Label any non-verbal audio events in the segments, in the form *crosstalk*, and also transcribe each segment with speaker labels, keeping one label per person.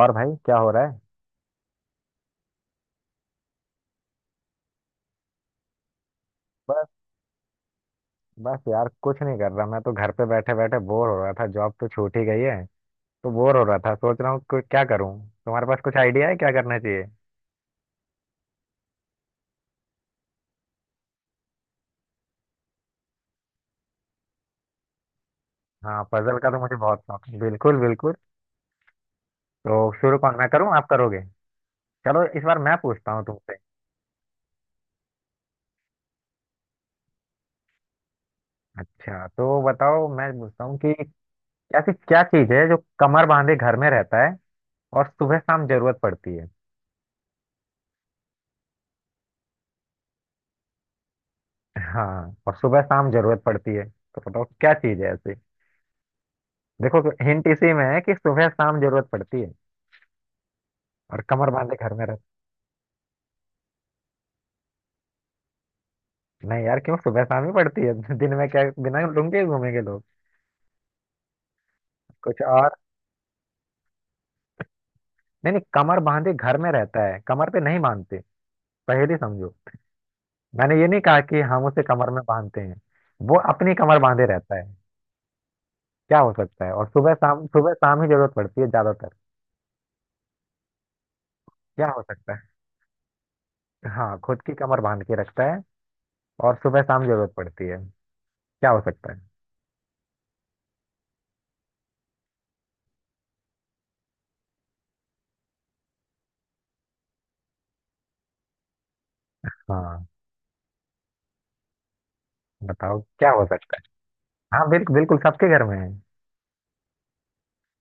Speaker 1: और भाई क्या हो रहा है? बस। बस यार, कुछ नहीं कर रहा, मैं तो घर पे बैठे बैठे बोर हो रहा था। जॉब तो छूट ही गई है, तो बोर हो रहा था, सोच रहा हूँ कुछ क्या करूँ। तुम्हारे पास कुछ आइडिया है क्या करना चाहिए? हाँ, पजल का तो मुझे बहुत शौक है, बिल्कुल बिल्कुल। तो शुरू कौन, मैं करूँ आप करोगे? चलो इस बार मैं पूछता हूँ तुमसे। अच्छा तो बताओ, मैं पूछता हूँ कि ऐसी क्या चीज़ है जो कमर बांधे घर में रहता है और सुबह शाम जरूरत पड़ती है। हाँ, और सुबह शाम जरूरत पड़ती है, तो बताओ क्या चीज़ है ऐसी। देखो, हिंट इसी में है कि सुबह शाम जरूरत पड़ती है और कमर बांधे घर में रहते। नहीं यार, क्यों सुबह शाम ही पड़ती है *laughs* दिन में क्या बिना लुंगे ही घूमेंगे लोग। कुछ और? नहीं नहीं, कमर बांधे घर में रहता है, कमर पे नहीं बांधते। पहेली समझो। मैंने ये नहीं कहा कि हम उसे कमर में बांधते हैं, वो अपनी कमर बांधे रहता है। क्या हो सकता है? और सुबह शाम, सुबह शाम ही जरूरत पड़ती है ज्यादातर। क्या हो सकता है? हाँ, खुद की कमर बांध के रखता है और सुबह शाम जरूरत पड़ती है। क्या हो सकता है? हाँ, बताओ क्या हो सकता है। हाँ बिल्कुल बिल्कुल, सबके घर में है।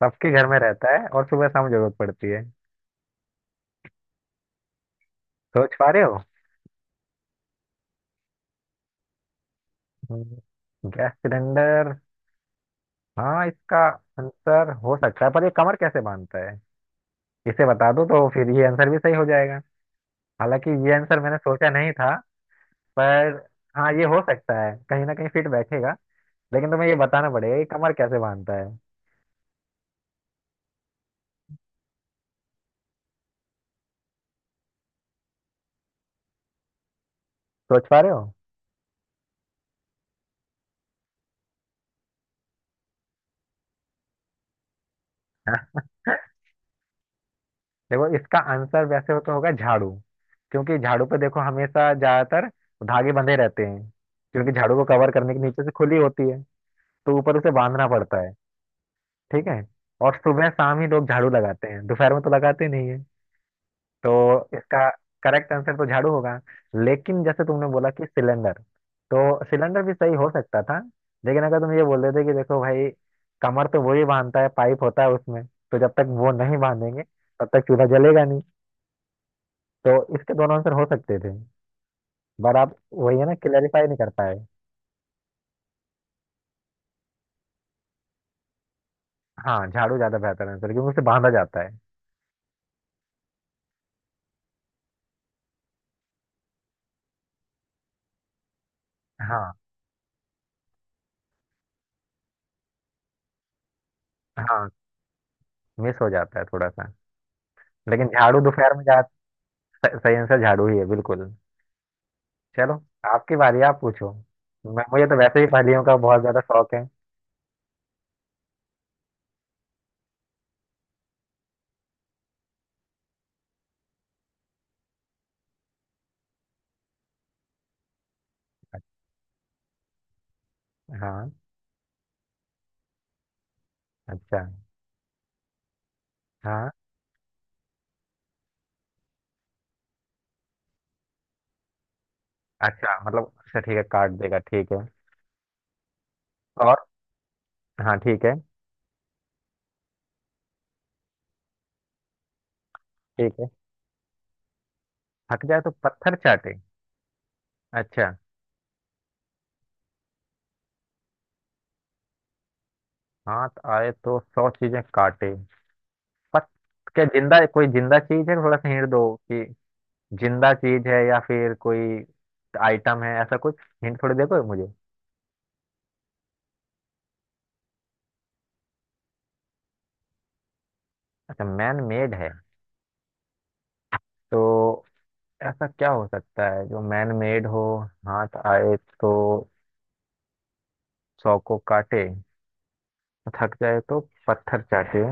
Speaker 1: सबके घर में रहता है और सुबह शाम जरूरत पड़ती है। सोच पा रहे हो? हम्म। Gas cylinder. हाँ, इसका आंसर हो सकता है, पर ये कमर कैसे बांधता है? इसे बता दो तो फिर ये आंसर भी सही हो जाएगा। हालांकि ये आंसर मैंने सोचा नहीं था, पर हाँ, ये हो सकता है, कहीं ना कहीं फिट बैठेगा। लेकिन तुम्हें ये बताना पड़ेगा कि कमर कैसे बांधता है। सोच पा रहे हो? देखो, इसका आंसर वैसे हो तो होगा झाड़ू। क्योंकि झाड़ू पे देखो, हमेशा ज्यादातर धागे बंधे रहते हैं, क्योंकि झाड़ू को कवर करने के नीचे से खुली होती है, तो ऊपर उसे बांधना पड़ता है। ठीक है। और सुबह शाम ही लोग झाड़ू लगाते हैं, दोपहर में तो लगाते नहीं है। तो इसका करेक्ट आंसर तो झाड़ू होगा। लेकिन जैसे तुमने बोला कि सिलेंडर, तो सिलेंडर भी सही हो सकता था। लेकिन अगर तुम ये बोल देते कि देखो भाई, कमर तो वही बांधता है, पाइप होता है उसमें, तो जब तक वो नहीं बांधेंगे तब तक चूल्हा जलेगा नहीं। तो इसके दोनों आंसर हो सकते थे, पर आप वही है ना, क्लैरिफाई नहीं कर पाए। हाँ, झाड़ू ज्यादा बेहतर आंसर क्योंकि उसे बांधा जाता है। हाँ हाँ, मिस हो जाता है थोड़ा सा। लेकिन झाड़ू दोपहर में जा। सही आंसर झाड़ू ही है, बिल्कुल। चलो, आपकी बारी, आप पूछो। मैं मुझे तो वैसे ही पहेलियों का बहुत ज्यादा शौक है। हाँ। अच्छा। हाँ। अच्छा मतलब, अच्छा ठीक है, काट देगा ठीक है। और, हाँ ठीक है। ठीक है, थक जाए तो पत्थर चाटे। अच्छा, हाथ आए तो 100 चीजें काटे। पत क्या, जिंदा, कोई जिंदा चीज है? थोड़ा सा हिंट दो कि जिंदा चीज है या फिर कोई आइटम है ऐसा कुछ। हिंट थोड़ी देखो मुझे। अच्छा, मैन मेड है। तो ऐसा क्या हो सकता है जो मैन मेड हो? हाथ आए तो 100 को काटे, थक जाए तो पत्थर चाटे।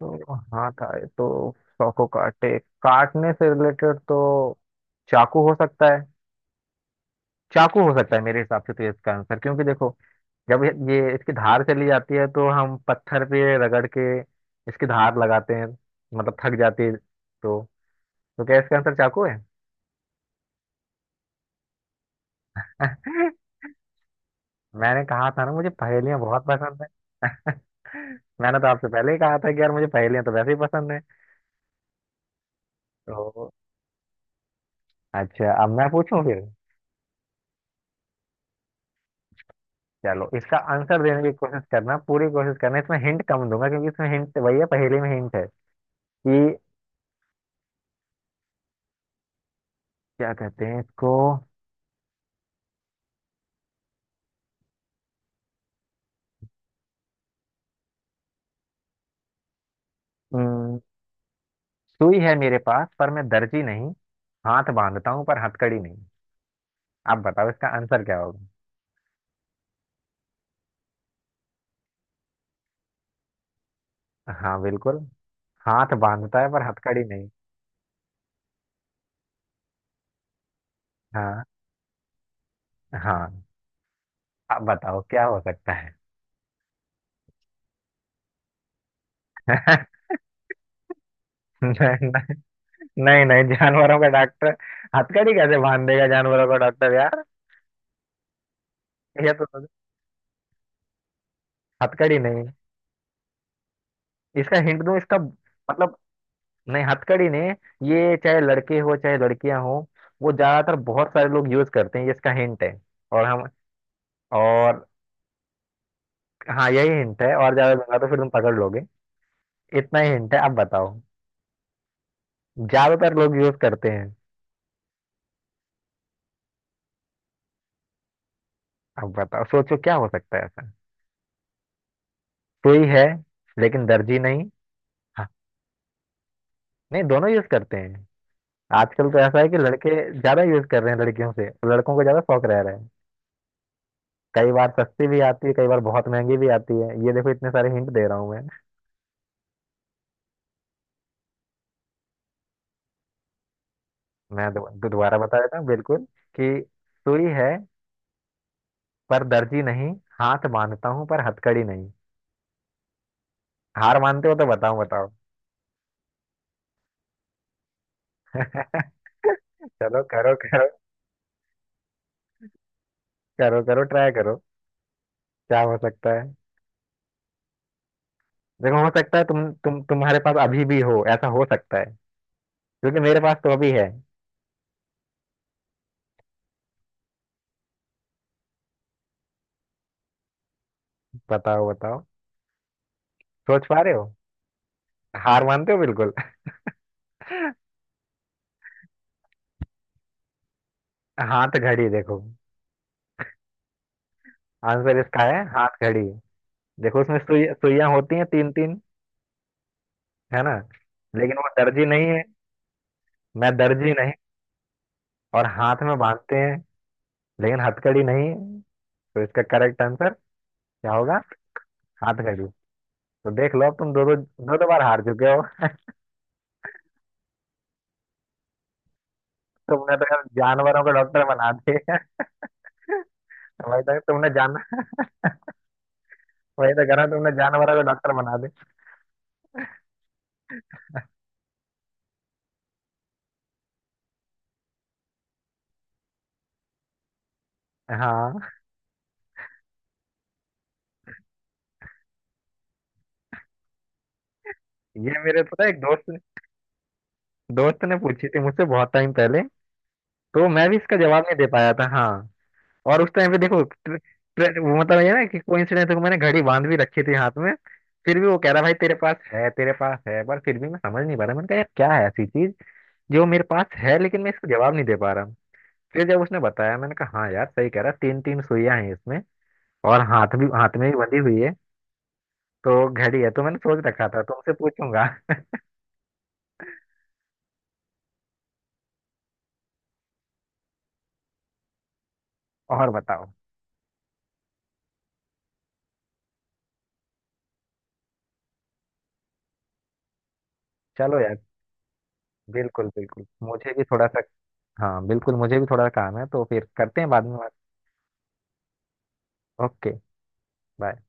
Speaker 1: तो हाथ आए तो 100 को काटे, काटने से रिलेटेड तो चाकू हो सकता है। चाकू हो सकता है मेरे हिसाब से, तो ये इसका आंसर क्योंकि देखो, जब ये इसकी धार चली जाती है तो हम पत्थर पे रगड़ के इसकी धार लगाते हैं, मतलब थक जाती है। तो तो क्या इसका आंसर चाकू है? *laughs* मैंने कहा था ना, मुझे पहेलियां बहुत पसंद है। मैंने तो आपसे पहले ही कहा था कि यार, मुझे पहेलियां तो वैसे ही पसंद है। तो अच्छा, अब मैं पूछूं फिर। चलो, इसका आंसर देने की कोशिश करना, पूरी कोशिश करना, इसमें हिंट कम दूंगा क्योंकि इसमें हिंट वही है, पहेली में हिंट है कि क्या कहते हैं इसको। अम, सुई है मेरे पास पर मैं दर्जी नहीं। हाथ बांधता हूँ पर हथकड़ी नहीं। आप बताओ इसका आंसर क्या होगा? हाँ बिल्कुल, हाथ बांधता है पर हथकड़ी नहीं। हाँ। हाँ, आप बताओ क्या हो सकता है? *laughs* नहीं। नहीं नहीं, जानवरों का डॉक्टर हथकड़ी कैसे बांध देगा, जानवरों का डॉक्टर यार। ये तो हथकड़ी नहीं। इसका हिंट दूं, इसका मतलब। नहीं, हथकड़ी नहीं। ये चाहे लड़के हो चाहे लड़कियां हो, वो ज्यादातर बहुत सारे लोग यूज करते हैं, ये इसका हिंट है। और हम और हाँ, यही हिंट है, और ज्यादा दूंगा तो फिर तुम पकड़ लोगे। इतना ही हिंट है, अब बताओ। ज्यादातर लोग यूज करते हैं। अब बताओ, सोचो क्या हो सकता है ऐसा। सुई है लेकिन दर्जी नहीं। हाँ, नहीं, दोनों यूज करते हैं। आजकल तो ऐसा है कि लड़के ज्यादा यूज कर रहे हैं, लड़कियों से लड़कों को ज्यादा शौक रह रहे हैं। कई बार सस्ती भी आती है, कई बार बहुत महंगी भी आती है, ये देखो, इतने सारे हिंट दे रहा हूँ मैं। मैं दो- दो- दोबारा बता देता हूँ बिल्कुल कि सुई है पर दर्जी नहीं, हाथ बांधता हूँ पर हथकड़ी नहीं। हार मानते हो तो बताओ बताओ। चलो करो करो। करो करो, ट्राई करो। क्या हो सकता है? देखो, हो सकता है तुम्हारे पास अभी भी हो, ऐसा हो सकता है क्योंकि मेरे पास तो अभी है। बताओ बताओ। सोच पा रहे हो? हार मानते हो, बिल्कुल। हाथ घड़ी। देखो, आंसर इसका है हाथ घड़ी। देखो, उसमें सुई, सुइयां होती हैं तीन तीन। है ना। लेकिन वो दर्जी नहीं है, मैं दर्जी नहीं। और हाथ में बांधते हैं, लेकिन हथकड़ी नहीं है। तो इसका करेक्ट आंसर क्या होगा? हाथ घड़ी। तो देख लो, अब तुम दो दो दो दो बार हार चुके हो। तुमने तो यार जानवरों को डॉक्टर बना दिया। *laughs* वही तो तुमने जान वही तो करा तुमने, जानवरों को डॉक्टर बना दे। हाँ, ये मेरे पता है, एक दोस्त दोस्त ने पूछी थी मुझसे बहुत टाइम पहले, तो मैं भी इसका जवाब नहीं दे पाया था। हाँ। और उस टाइम पे देखो, वो मतलब ये ना कि कोइंसिडेंस को मैंने घड़ी बांध भी रखी थी हाथ में। फिर भी वो कह रहा, भाई तेरे पास है, तेरे पास है, पर फिर भी मैं समझ नहीं पा रहा। मैंने कहा यार, क्या है ऐसी चीज जो मेरे पास है लेकिन मैं इसको जवाब नहीं दे पा रहा हूँ। फिर जब उसने बताया, मैंने कहा हाँ यार, सही कह रहा, तीन तीन सुइयां हैं इसमें, और हाथ भी, हाथ में भी बंधी हुई है, तो घड़ी है। तो मैंने सोच रखा था तुमसे पूछूंगा। *laughs* और बताओ। चलो यार, बिल्कुल बिल्कुल, मुझे भी थोड़ा सा। हाँ बिल्कुल, मुझे भी थोड़ा काम है, तो फिर करते हैं बाद में बात। ओके। बाय।